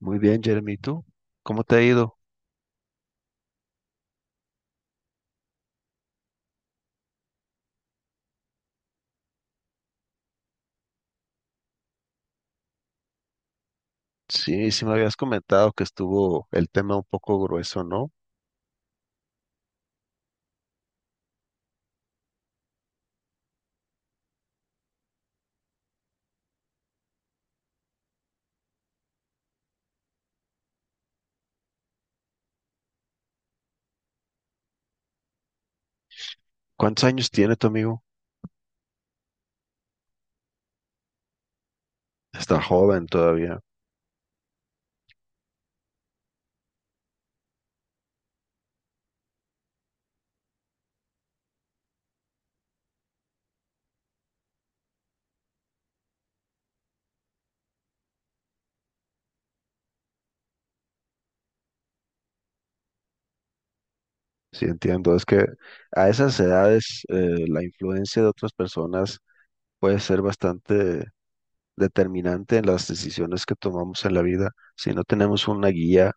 Muy bien, Jeremy, ¿y tú? ¿Cómo te ha ido? Sí, me habías comentado que estuvo el tema un poco grueso, ¿no? ¿Cuántos años tiene tu amigo? Está joven todavía. Sí, entiendo. Es que a esas edades la influencia de otras personas puede ser bastante determinante en las decisiones que tomamos en la vida. Si no tenemos una guía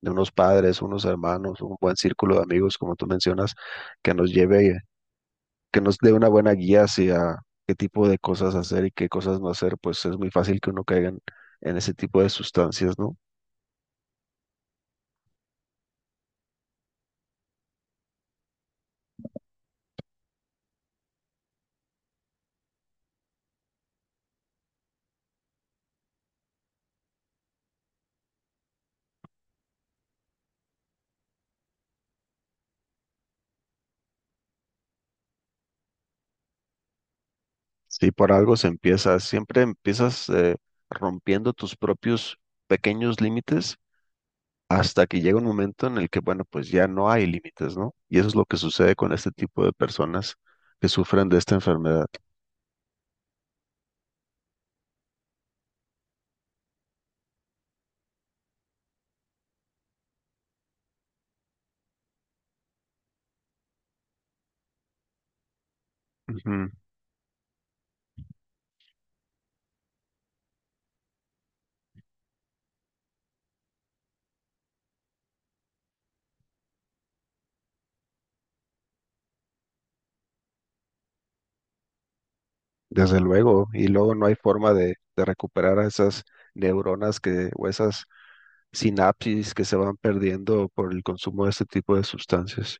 de unos padres, unos hermanos, un buen círculo de amigos, como tú mencionas, que nos lleve que nos dé una buena guía hacia qué tipo de cosas hacer y qué cosas no hacer, pues es muy fácil que uno caiga en ese tipo de sustancias, ¿no? Si por algo se empieza, siempre empiezas rompiendo tus propios pequeños límites hasta que llega un momento en el que, bueno, pues ya no hay límites, ¿no? Y eso es lo que sucede con este tipo de personas que sufren de esta enfermedad. Ujú. Desde luego, y luego no hay forma de recuperar a esas neuronas o esas sinapsis que se van perdiendo por el consumo de este tipo de sustancias.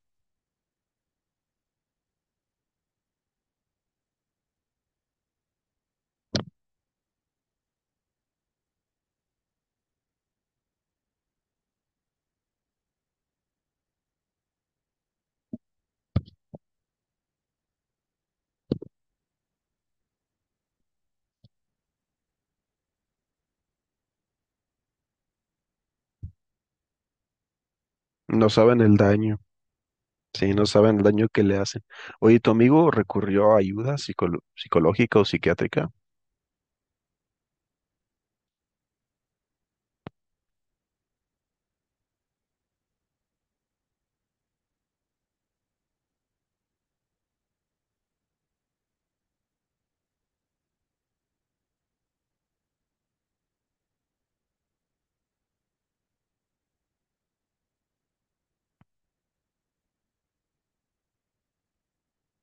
No saben el daño, sí, no saben el daño que le hacen. Oye, ¿tu amigo recurrió a ayuda psicológica o psiquiátrica?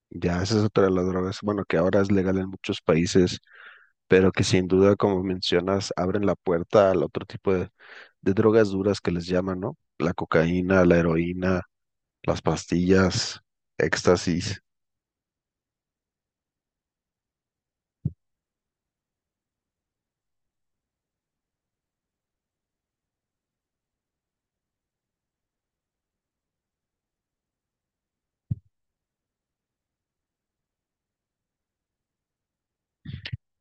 Ya, esa es otra de las drogas, bueno, que ahora es legal en muchos países, pero que sin duda, como mencionas, abren la puerta al otro tipo de drogas duras que les llaman, ¿no? La cocaína, la heroína, las pastillas, éxtasis.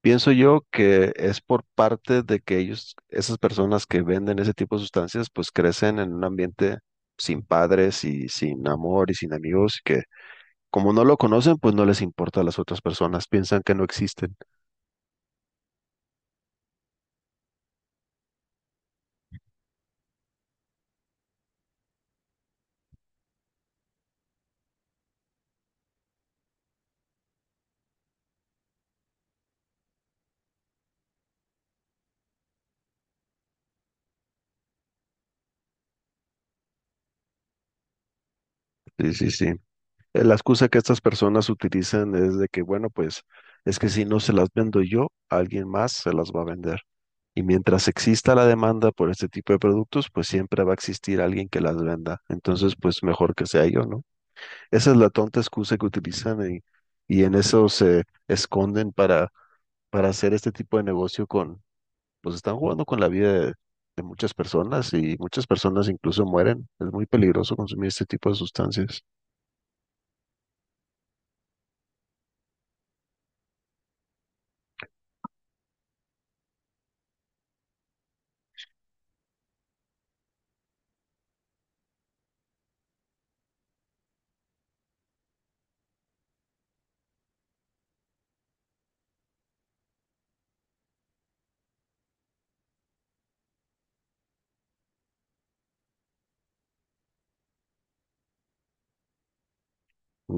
Pienso yo que es por parte de que ellos, esas personas que venden ese tipo de sustancias, pues crecen en un ambiente sin padres y sin amor y sin amigos, y que como no lo conocen, pues no les importa a las otras personas, piensan que no existen. Sí, sí, sí. La excusa que estas personas utilizan es de que, bueno, pues es que si no se las vendo yo, alguien más se las va a vender. Y mientras exista la demanda por este tipo de productos, pues siempre va a existir alguien que las venda. Entonces, pues mejor que sea yo, ¿no? Esa es la tonta excusa que utilizan y en eso se esconden para hacer este tipo de negocio con, pues están jugando con la vida de muchas personas y muchas personas incluso mueren. Es muy peligroso consumir este tipo de sustancias.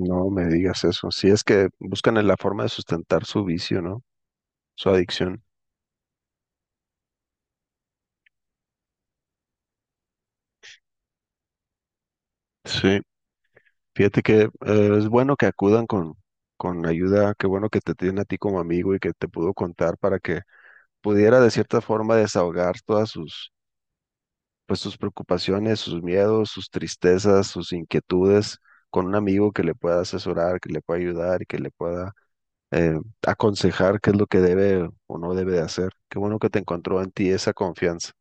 No me digas eso. Si es que buscan en la forma de sustentar su vicio, ¿no? Su adicción. Sí. Fíjate que es bueno que acudan con ayuda. Qué bueno que te tienen a ti como amigo y que te pudo contar para que pudiera de cierta forma desahogar todas sus, pues, sus preocupaciones, sus miedos, sus tristezas, sus inquietudes con un amigo que le pueda asesorar, que le pueda ayudar y que le pueda eh, aconsejar qué es lo que debe o no debe de hacer. Qué bueno que te encontró en ti esa confianza.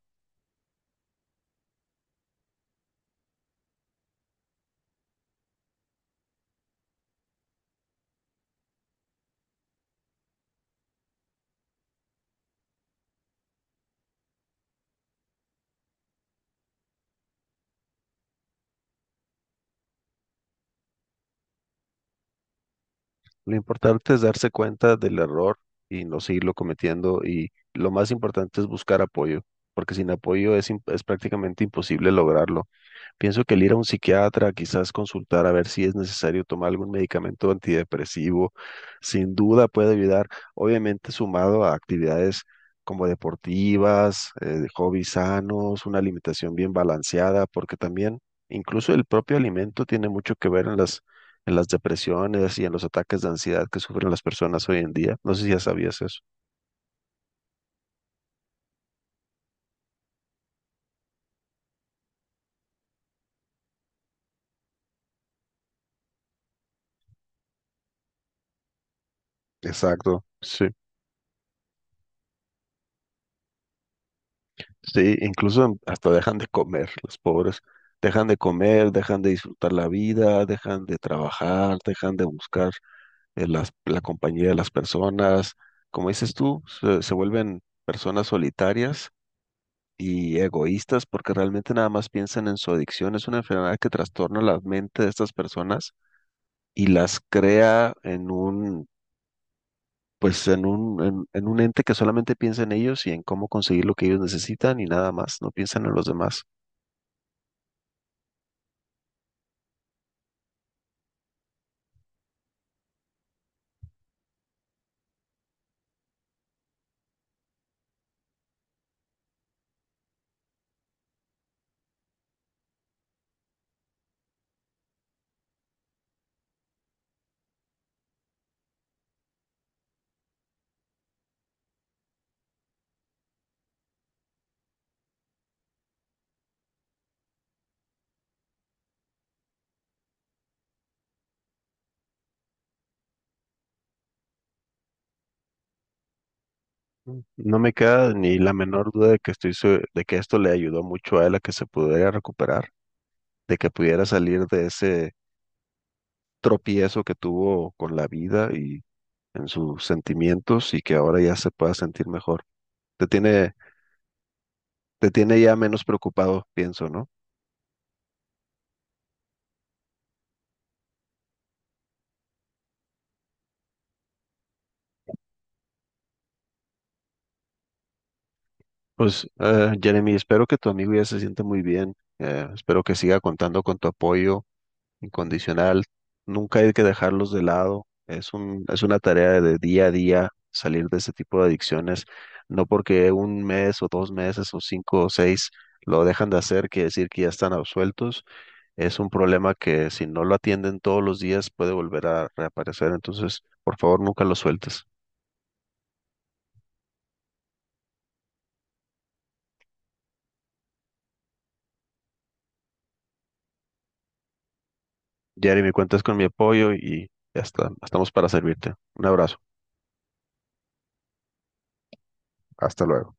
Lo importante es darse cuenta del error y no seguirlo cometiendo y lo más importante es buscar apoyo, porque sin apoyo es prácticamente imposible lograrlo. Pienso que el ir a un psiquiatra, quizás consultar a ver si es necesario tomar algún medicamento antidepresivo, sin duda puede ayudar, obviamente sumado a actividades como deportivas, hobbies sanos, una alimentación bien balanceada, porque también incluso el propio alimento tiene mucho que ver en en las depresiones y en los ataques de ansiedad que sufren las personas hoy en día. No sé si ya sabías eso. Exacto, sí. Sí, incluso hasta dejan de comer, los pobres. Dejan de comer, dejan de disfrutar la vida, dejan de trabajar, dejan de buscar la compañía de las personas. Como dices tú, se vuelven personas solitarias y egoístas porque realmente nada más piensan en su adicción. Es una enfermedad que trastorna la mente de estas personas y las crea en un, pues en un, en un ente que solamente piensa en ellos y en cómo conseguir lo que ellos necesitan y nada más, no piensan en los demás. No me queda ni la menor duda de que de que esto le ayudó mucho a él a que se pudiera recuperar, de que pudiera salir de ese tropiezo que tuvo con la vida y en sus sentimientos y que ahora ya se pueda sentir mejor. Te tiene, te tiene ya menos preocupado, pienso, ¿no? Pues, Jeremy, espero que tu amigo ya se sienta muy bien. Eh, espero que siga contando con tu apoyo incondicional. Nunca hay que dejarlos de lado. Es una tarea de día a día salir de ese tipo de adicciones. No porque un mes o 2 meses o 5 o 6 lo dejan de hacer, quiere decir que ya están absueltos. Es un problema que si no lo atienden todos los días puede volver a reaparecer. Entonces, por favor, nunca lo sueltes. Jeremy, cuentas con mi apoyo y ya está. Estamos para servirte. Un abrazo. Hasta luego.